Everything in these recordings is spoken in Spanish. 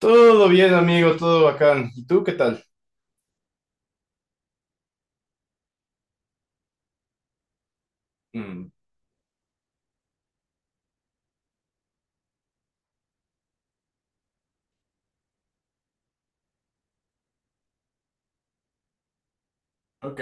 Todo bien, amigo, todo bacán. ¿Y tú qué tal? Mm. Ok.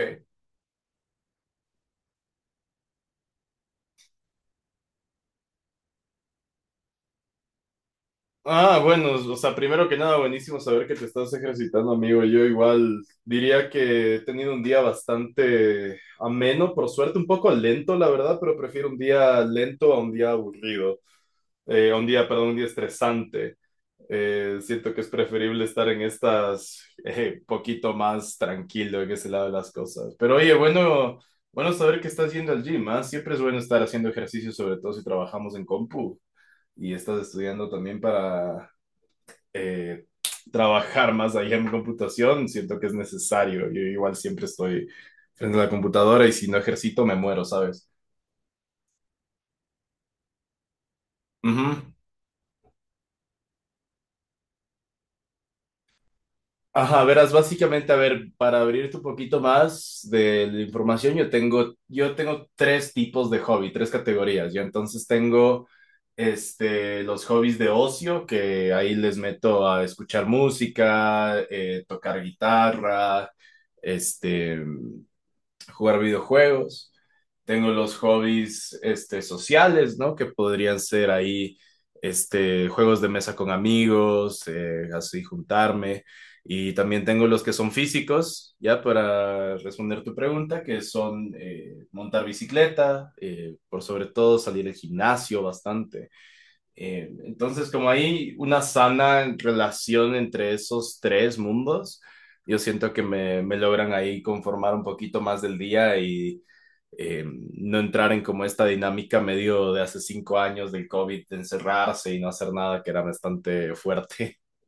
Bueno, o sea, primero que nada, buenísimo saber que te estás ejercitando, amigo. Yo igual diría que he tenido un día bastante ameno, por suerte, un poco lento, la verdad, pero prefiero un día lento a un día aburrido. A un día, perdón, un día estresante. Siento que es preferible estar en estas, poquito más tranquilo en ese lado de las cosas. Pero oye, bueno saber que estás yendo al gym, ¿ah? Siempre es bueno estar haciendo ejercicio, sobre todo si trabajamos en compu y estás estudiando también para eh, trabajar más allá en computación. Siento que es necesario. Yo igual siempre estoy frente a la computadora y si no ejercito me muero, ¿sabes? Ujú. Ajá, verás, básicamente, a ver, para abrirte un poquito más de la información, yo tengo tres tipos de hobby, tres categorías. Yo entonces tengo los hobbies de ocio, que ahí les meto a escuchar música, tocar guitarra, este, jugar videojuegos. Tengo los hobbies sociales, ¿no? Que podrían ser ahí juegos de mesa con amigos, así juntarme. Y también tengo los que son físicos, ya para responder tu pregunta, que son montar bicicleta, por sobre todo salir al gimnasio bastante. Entonces, como hay una sana relación entre esos tres mundos, yo siento que me logran ahí conformar un poquito más del día y eh, no entrar en como esta dinámica medio de hace 5 años del COVID, de encerrarse y no hacer nada, que era bastante fuerte.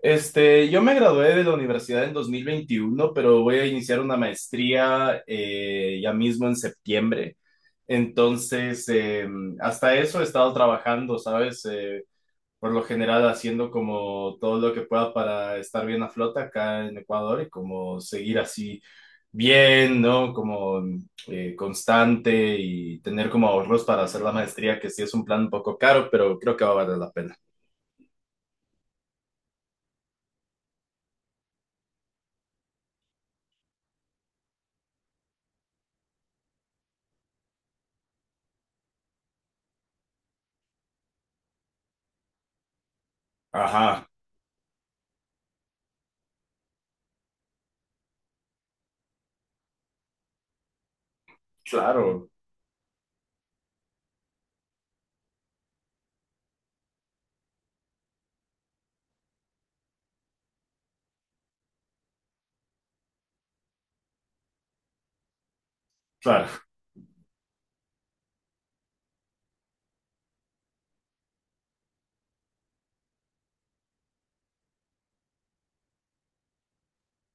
Este, yo me gradué de la universidad en 2021, pero voy a iniciar una maestría ya mismo en septiembre. Entonces, hasta eso he estado trabajando, ¿sabes? Por lo general haciendo como todo lo que pueda para estar bien a flote acá en Ecuador y como seguir así bien, ¿no? Como constante y tener como ahorros para hacer la maestría, que sí es un plan un poco caro, pero creo que va a valer la pena. Ajá, claro, claro.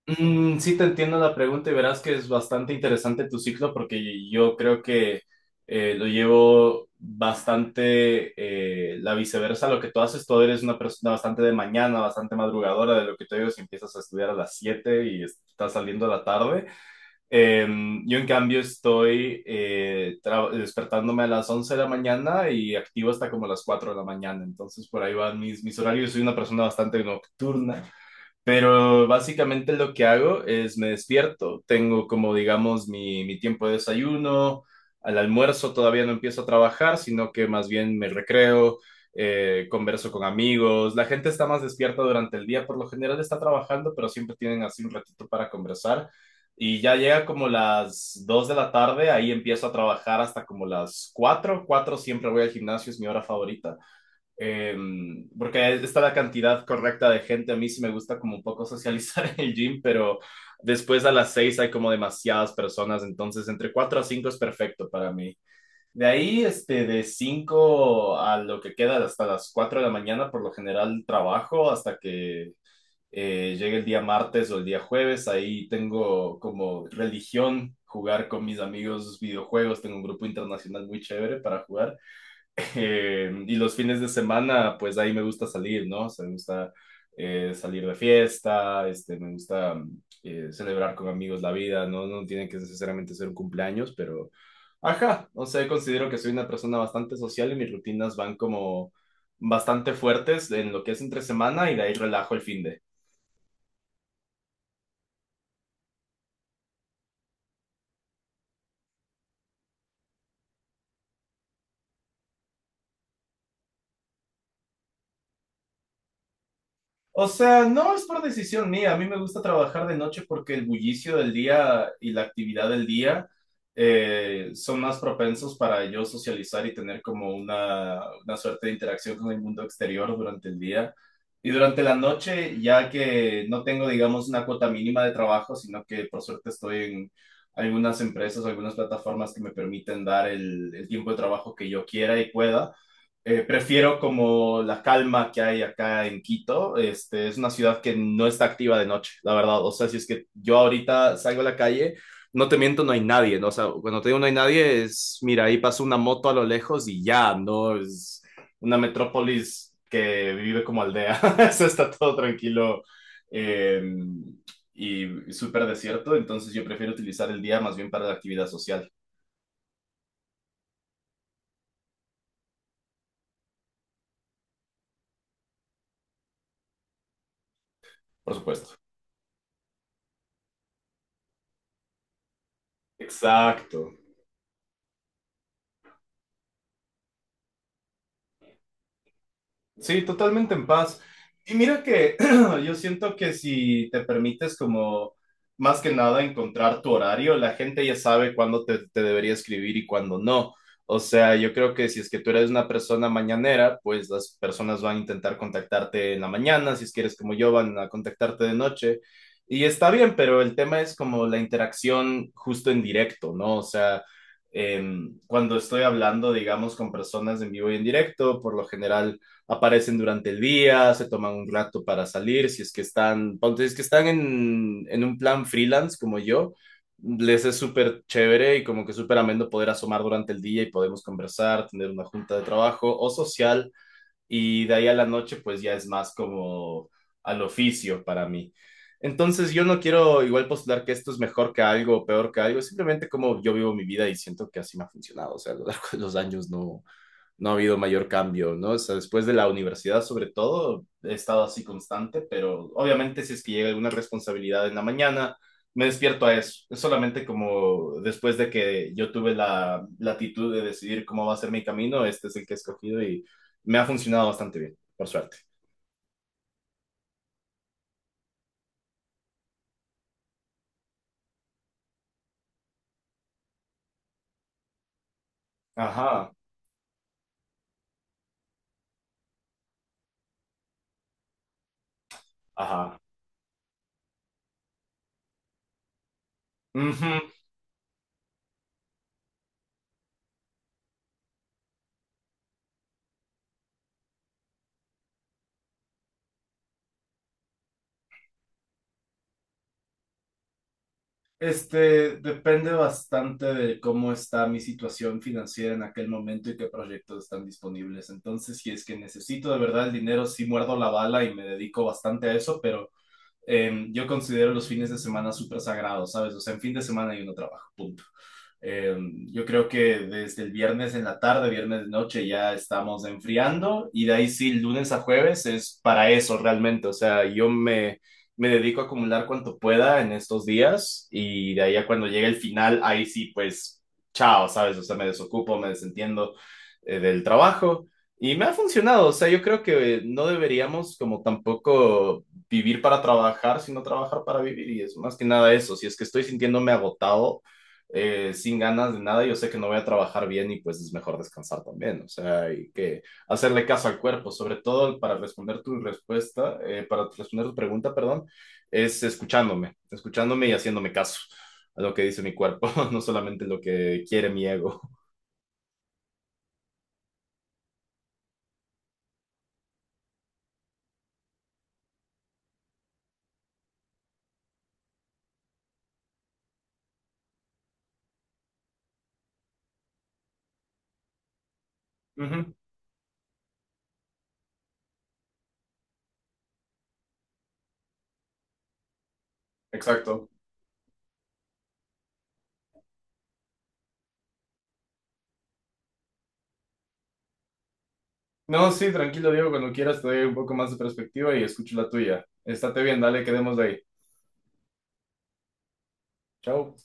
Mm, sí te entiendo la pregunta, y verás que es bastante interesante tu ciclo, porque yo creo que lo llevo bastante la viceversa lo que tú haces. Tú eres una persona bastante de mañana, bastante madrugadora, de lo que te digo si empiezas a estudiar a las 7 y estás saliendo a la tarde. Eh, yo en cambio estoy despertándome a las 11 de la mañana y activo hasta como las 4 de la mañana. Entonces por ahí van mis horarios. Soy una persona bastante nocturna. Pero básicamente lo que hago es me despierto, tengo como digamos mi tiempo de desayuno. Al almuerzo todavía no empiezo a trabajar, sino que más bien me recreo, converso con amigos. La gente está más despierta durante el día, por lo general está trabajando, pero siempre tienen así un ratito para conversar, y ya llega como las 2 de la tarde, ahí empiezo a trabajar hasta como las cuatro. Siempre voy al gimnasio, es mi hora favorita. Eh, porque está la cantidad correcta de gente. A mí sí me gusta como un poco socializar en el gym, pero después a las 6 hay como demasiadas personas, entonces entre 4 a 5 es perfecto para mí. De ahí, de 5 a lo que queda, hasta las 4 de la mañana, por lo general trabajo hasta que llegue el día martes o el día jueves. Ahí tengo como religión jugar con mis amigos videojuegos. Tengo un grupo internacional muy chévere para jugar. Y los fines de semana, pues ahí me gusta salir, ¿no? O sea, me gusta salir de fiesta. Me gusta, celebrar con amigos la vida, ¿no? No tiene que necesariamente ser un cumpleaños, pero, ajá, o sea, considero que soy una persona bastante social, y mis rutinas van como bastante fuertes en lo que es entre semana, y de ahí relajo el fin de. O sea, no es por decisión mía. A mí me gusta trabajar de noche porque el bullicio del día y la actividad del día son más propensos para yo socializar y tener como una suerte de interacción con el mundo exterior durante el día. Y durante la noche, ya que no tengo, digamos, una cuota mínima de trabajo, sino que por suerte estoy en algunas empresas, algunas plataformas que me permiten dar el tiempo de trabajo que yo quiera y pueda. Prefiero como la calma que hay acá en Quito. Este es una ciudad que no está activa de noche, la verdad. O sea, si es que yo ahorita salgo a la calle, no te miento, no hay nadie, ¿no? O sea, cuando te digo no hay nadie, es, mira, ahí pasa una moto a lo lejos y ya, no es una metrópolis, que vive como aldea. Eso está todo tranquilo eh, y súper desierto. Entonces yo prefiero utilizar el día más bien para la actividad social. Por supuesto. Exacto. Sí, totalmente en paz. Y mira que yo siento que si te permites, como más que nada, encontrar tu horario, la gente ya sabe cuándo te debería escribir y cuándo no. O sea, yo creo que si es que tú eres una persona mañanera, pues las personas van a intentar contactarte en la mañana; si es que eres como yo, van a contactarte de noche. Y está bien, pero el tema es como la interacción justo en directo, ¿no? O sea, cuando estoy hablando, digamos, con personas en vivo y en directo, por lo general aparecen durante el día, se toman un rato para salir, si es que están, ponte, si es que están en un plan freelance como yo, les es súper chévere, y como que súper ameno poder asomar durante el día y podemos conversar, tener una junta de trabajo o social, y de ahí a la noche pues ya es más como al oficio para mí. Entonces yo no quiero igual postular que esto es mejor que algo o peor que algo, simplemente como yo vivo mi vida y siento que así me ha funcionado. O sea, a lo largo de los años no, no ha habido mayor cambio, ¿no? O sea, después de la universidad, sobre todo, he estado así constante, pero obviamente si es que llega alguna responsabilidad en la mañana, me despierto a eso. Es solamente como después de que yo tuve la latitud de decidir cómo va a ser mi camino, este es el que he escogido, y me ha funcionado bastante bien, por suerte. Ajá, ajá. Ujú. Este, depende bastante de cómo está mi situación financiera en aquel momento y qué proyectos están disponibles. Entonces, si es que necesito de verdad el dinero, sí muerdo la bala y me dedico bastante a eso, pero yo considero los fines de semana súper sagrados, ¿sabes? O sea, en fin de semana yo no trabajo, punto. Eh, yo creo que desde el viernes en la tarde, viernes de noche, ya estamos enfriando, y de ahí sí, lunes a jueves es para eso realmente. O sea, me dedico a acumular cuanto pueda en estos días, y de ahí a cuando llegue el final, ahí sí, pues chao, ¿sabes? O sea, me desocupo, me desentiendo del trabajo. Y me ha funcionado. O sea, yo creo que no deberíamos como tampoco vivir para trabajar, sino trabajar para vivir. Y es más que nada eso. Si es que estoy sintiéndome agotado, sin ganas de nada, yo sé que no voy a trabajar bien, y pues es mejor descansar también. O sea, hay que hacerle caso al cuerpo. Sobre todo, para responder tu respuesta, para responder tu pregunta, perdón, es escuchándome, escuchándome y haciéndome caso a lo que dice mi cuerpo, no solamente lo que quiere mi ego. Ujú, exacto. No, sí, tranquilo, Diego, cuando quieras te doy un poco más de perspectiva y escucho la tuya. Estate bien, dale, quedemos de ahí. Chao.